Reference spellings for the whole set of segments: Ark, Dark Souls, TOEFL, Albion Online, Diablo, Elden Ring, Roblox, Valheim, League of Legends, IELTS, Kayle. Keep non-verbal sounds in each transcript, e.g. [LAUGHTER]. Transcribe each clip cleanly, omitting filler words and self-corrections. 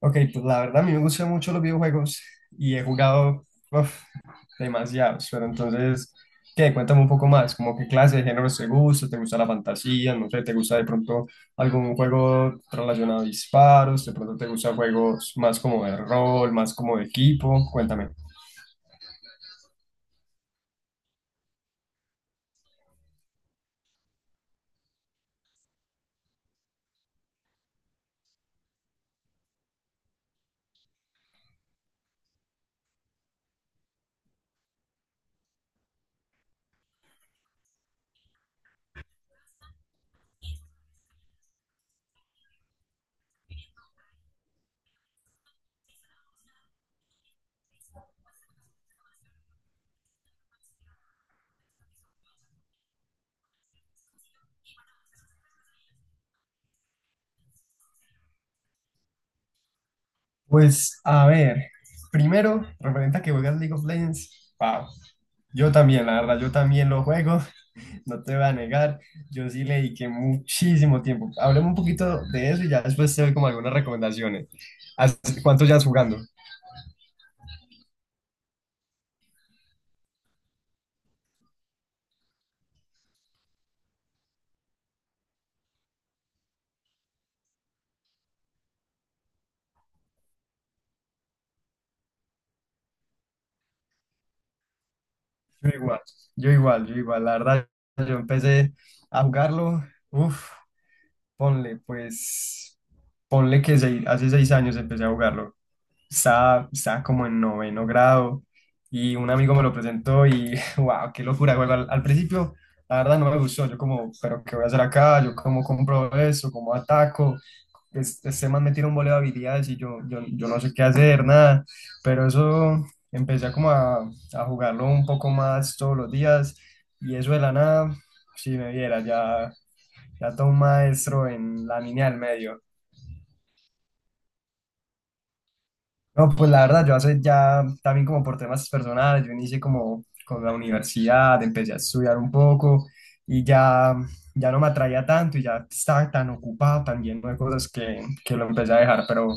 Ok, pues la verdad a mí me gustan mucho los videojuegos y he jugado uf, demasiados, pero entonces, ¿qué? Cuéntame un poco más, como qué clase de géneros te gusta la fantasía, no sé, te gusta de pronto algún juego relacionado a disparos, de pronto te gustan juegos más como de rol, más como de equipo, cuéntame. Pues a ver, primero, referente a que juegas League of Legends, wow, yo también, la verdad, yo también lo juego. No te voy a negar, yo sí le dediqué muchísimo tiempo. Hablemos un poquito de eso y ya después te doy como algunas recomendaciones. ¿Hace ¿Cuánto llevas jugando? Yo igual, yo igual, yo igual. La verdad, yo empecé a jugarlo, uff, ponle, pues, ponle que hace 6 años empecé a jugarlo. Estaba como en noveno grado y un amigo me lo presentó y, [LAUGHS] wow, qué locura, juego. Al principio, la verdad, no me gustó. Yo como, pero ¿qué voy a hacer acá? Yo cómo compro eso, cómo ataco. Este man me tiene un voleo de habilidades y yo no sé qué hacer, nada. Pero eso empecé a como a jugarlo un poco más todos los días y eso de la nada, si me viera, ya, ya todo un maestro en la línea del medio. No, pues la verdad, yo hace ya también como por temas personales, yo inicié como con la universidad, empecé a estudiar un poco y ya, ya no me atraía tanto y ya estaba tan ocupado también de cosas que lo empecé a dejar, pero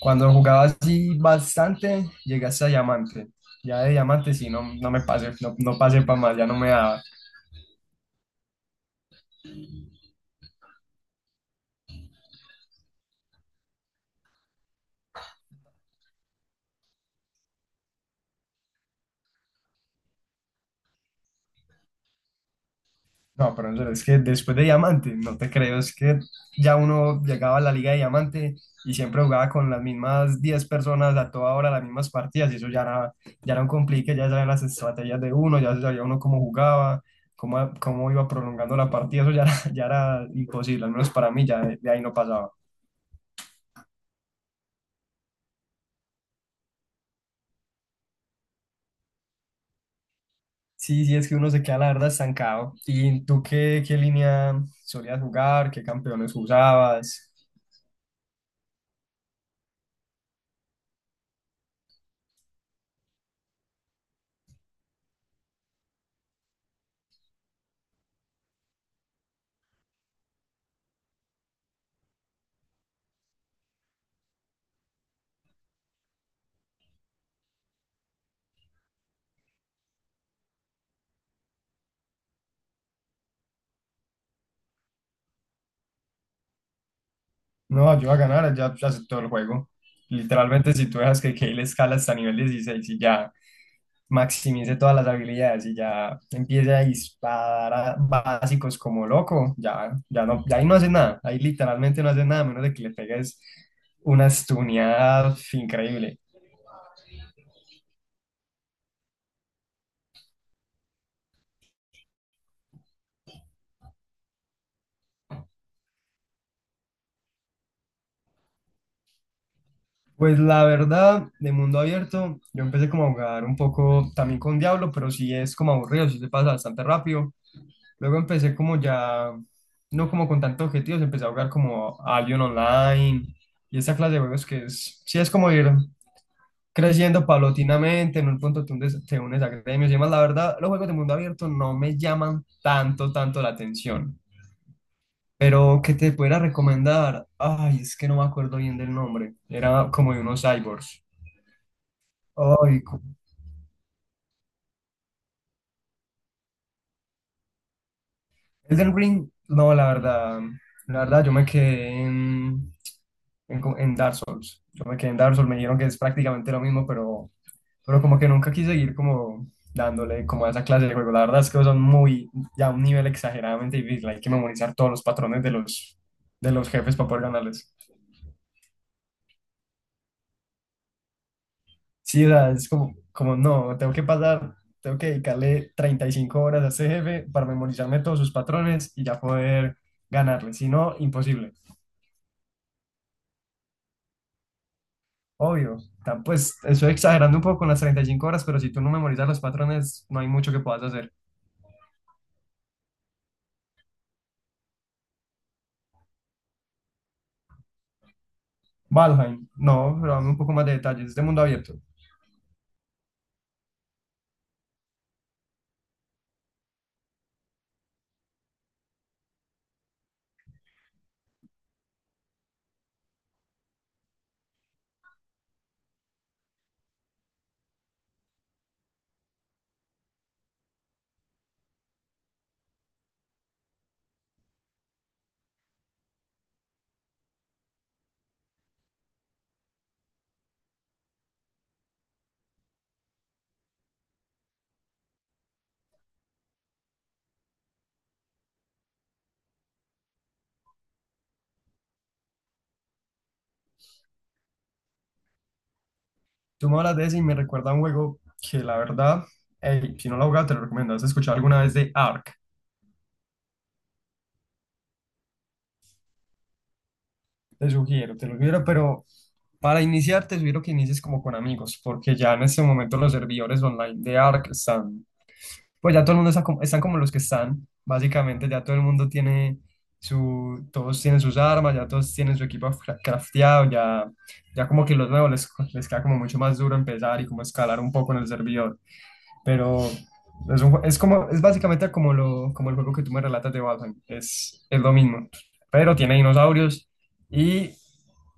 cuando jugaba así bastante, llegué hasta diamante. Ya de diamante sí, no, no me pasé, no, no pasé para más, ya no me daba. No, pero en serio, es que después de Diamante, no te creo, es que ya uno llegaba a la Liga de Diamante y siempre jugaba con las mismas 10 personas a toda hora, las mismas partidas, y eso ya era un complique, ya sabían las estrategias de uno, ya sabía uno cómo jugaba, cómo iba prolongando la partida, eso ya era, [LAUGHS] ya era imposible, al menos para mí ya de ahí no pasaba. Sí, sí, es que uno se queda la verdad estancado. ¿Y tú qué línea solías jugar? ¿Qué campeones usabas? No, ayuda a ganar, ya aceptó el juego. Literalmente, si tú dejas que Kayle escala hasta nivel 16 y ya maximice todas las habilidades y ya empiece a disparar a básicos como loco, ya no, ya ahí no hace nada. Ahí literalmente no hace nada, a menos de que le pegues una stuneada increíble. Pues la verdad, de mundo abierto, yo empecé como a jugar un poco también con Diablo, pero sí es como aburrido, sí se pasa bastante rápido. Luego empecé como ya, no como con tantos objetivos, empecé a jugar como Albion Online y esta clase de juegos que es, sí es como ir creciendo paulatinamente, en un punto te unes a gremios y demás. La verdad, los juegos de mundo abierto no me llaman tanto, tanto la atención. Pero que te pudiera recomendar, ay, es que no me acuerdo bien del nombre, era como de unos cyborgs. Ay, cu- Elden Ring, no, la verdad, yo me quedé en Dark Souls. Yo me quedé en Dark Souls, me dijeron que es prácticamente lo mismo, pero como que nunca quise seguir como dándole como a esa clase de juego. La verdad es que son muy, ya a un nivel exageradamente difícil. Hay que memorizar todos los patrones de los jefes para poder ganarles. Sí, o sea, es como no, tengo que dedicarle 35 horas a ese jefe para memorizarme todos sus patrones y ya poder ganarle. Si no, imposible. Obvio, pues estoy exagerando un poco con las 35 horas, pero si tú no memorizas los patrones, no hay mucho que puedas hacer. Valheim, no, pero dame un poco más de detalles, es de este mundo abierto. Tú me hablas de ese y me recuerda a un juego que la verdad, ey, si no lo has jugado, te lo recomiendo. ¿Has escuchado alguna vez de Ark? Te lo sugiero, pero para iniciar te sugiero que inicies como con amigos, porque ya en este momento los servidores online de Ark están, pues ya todo el mundo está como, están como los que están, básicamente ya todo el mundo tiene todos tienen sus armas, ya todos tienen su equipo crafteado, ya como que los nuevos les queda como mucho más duro empezar y como escalar un poco en el servidor. Pero es, un jue- es como, es básicamente como el juego que tú me relatas de Valheim. Es lo mismo. Pero tiene dinosaurios y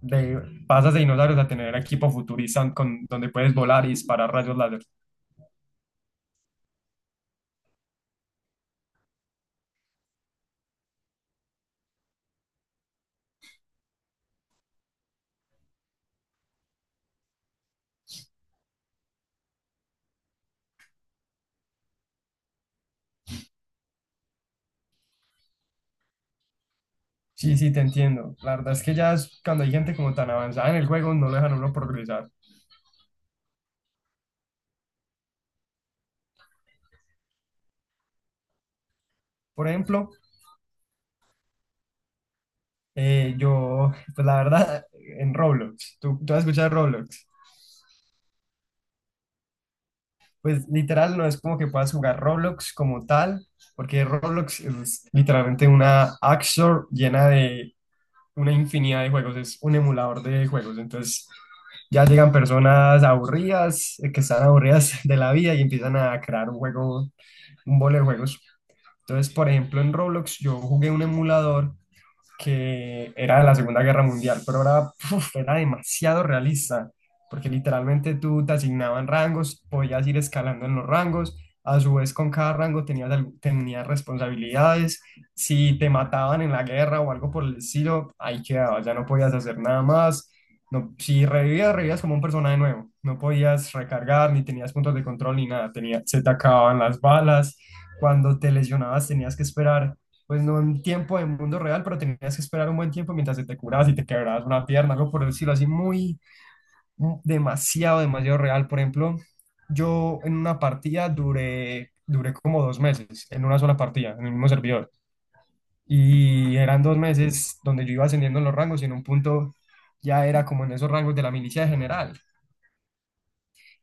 de, pasas de dinosaurios a tener equipo futurista donde puedes volar y disparar rayos láser. Sí, sí, te entiendo. La verdad es que ya cuando hay gente como tan avanzada en el juego, no lo dejan a uno progresar. Por ejemplo, yo, pues la verdad, en Roblox. ¿Tú has escuchado de Roblox? Pues literal no es como que puedas jugar Roblox como tal, porque Roblox es literalmente una App Store llena de una infinidad de juegos, es un emulador de juegos. Entonces ya llegan personas aburridas, que están aburridas de la vida y empiezan a crear un juego, un bolo de juegos. Entonces, por ejemplo, en Roblox yo jugué un emulador que era de la Segunda Guerra Mundial, pero era demasiado realista, porque literalmente tú te asignaban rangos, podías ir escalando en los rangos, a su vez con cada rango tenías responsabilidades, si te mataban en la guerra o algo por el estilo, ahí quedabas, ya no podías hacer nada más, no, si revivías, como un personaje nuevo, no podías recargar, ni tenías puntos de control, ni nada, se te acababan las balas, cuando te lesionabas tenías que esperar pues no en tiempo de mundo real, pero tenías que esperar un buen tiempo mientras se te curabas y te quebrabas una pierna, algo por el decirlo así, demasiado, demasiado real. Por ejemplo, yo en una partida duré como 2 meses, en una sola partida, en el mismo servidor. Y eran 2 meses donde yo iba ascendiendo en los rangos y en un punto ya era como en esos rangos de la milicia general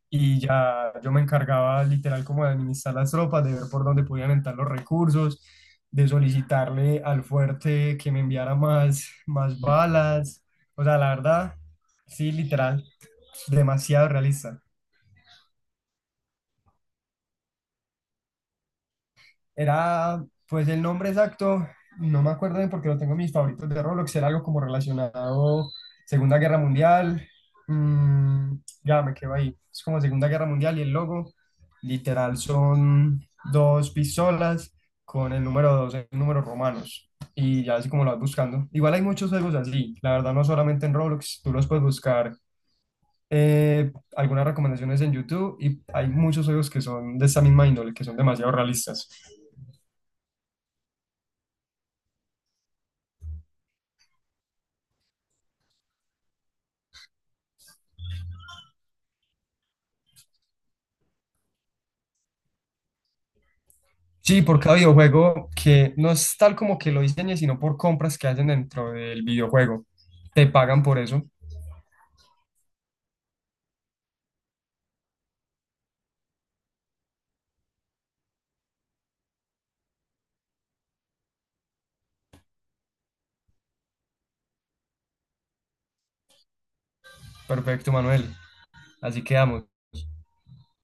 y ya yo me encargaba literal como de administrar las tropas, de ver por dónde podían entrar los recursos, de solicitarle al fuerte que me enviara más balas. O sea, la verdad, sí, literal, demasiado realista. Era, pues el nombre exacto, no me acuerdo bien porque lo tengo en mis favoritos de Roblox, era algo como relacionado Segunda Guerra Mundial. mm, ya me quedo ahí. Es como Segunda Guerra Mundial y el logo, literal, son dos pistolas con el número dos en números romanos. Y ya así como lo vas buscando. Igual hay muchos juegos así, la verdad, no solamente en Roblox, tú los puedes buscar. Algunas recomendaciones en YouTube y hay muchos juegos que son de esa misma índole, que son demasiado realistas. Sí, por cada videojuego que no es tal como que lo diseñes, sino por compras que hacen dentro del videojuego. Te pagan por eso. Perfecto, Manuel. Así quedamos.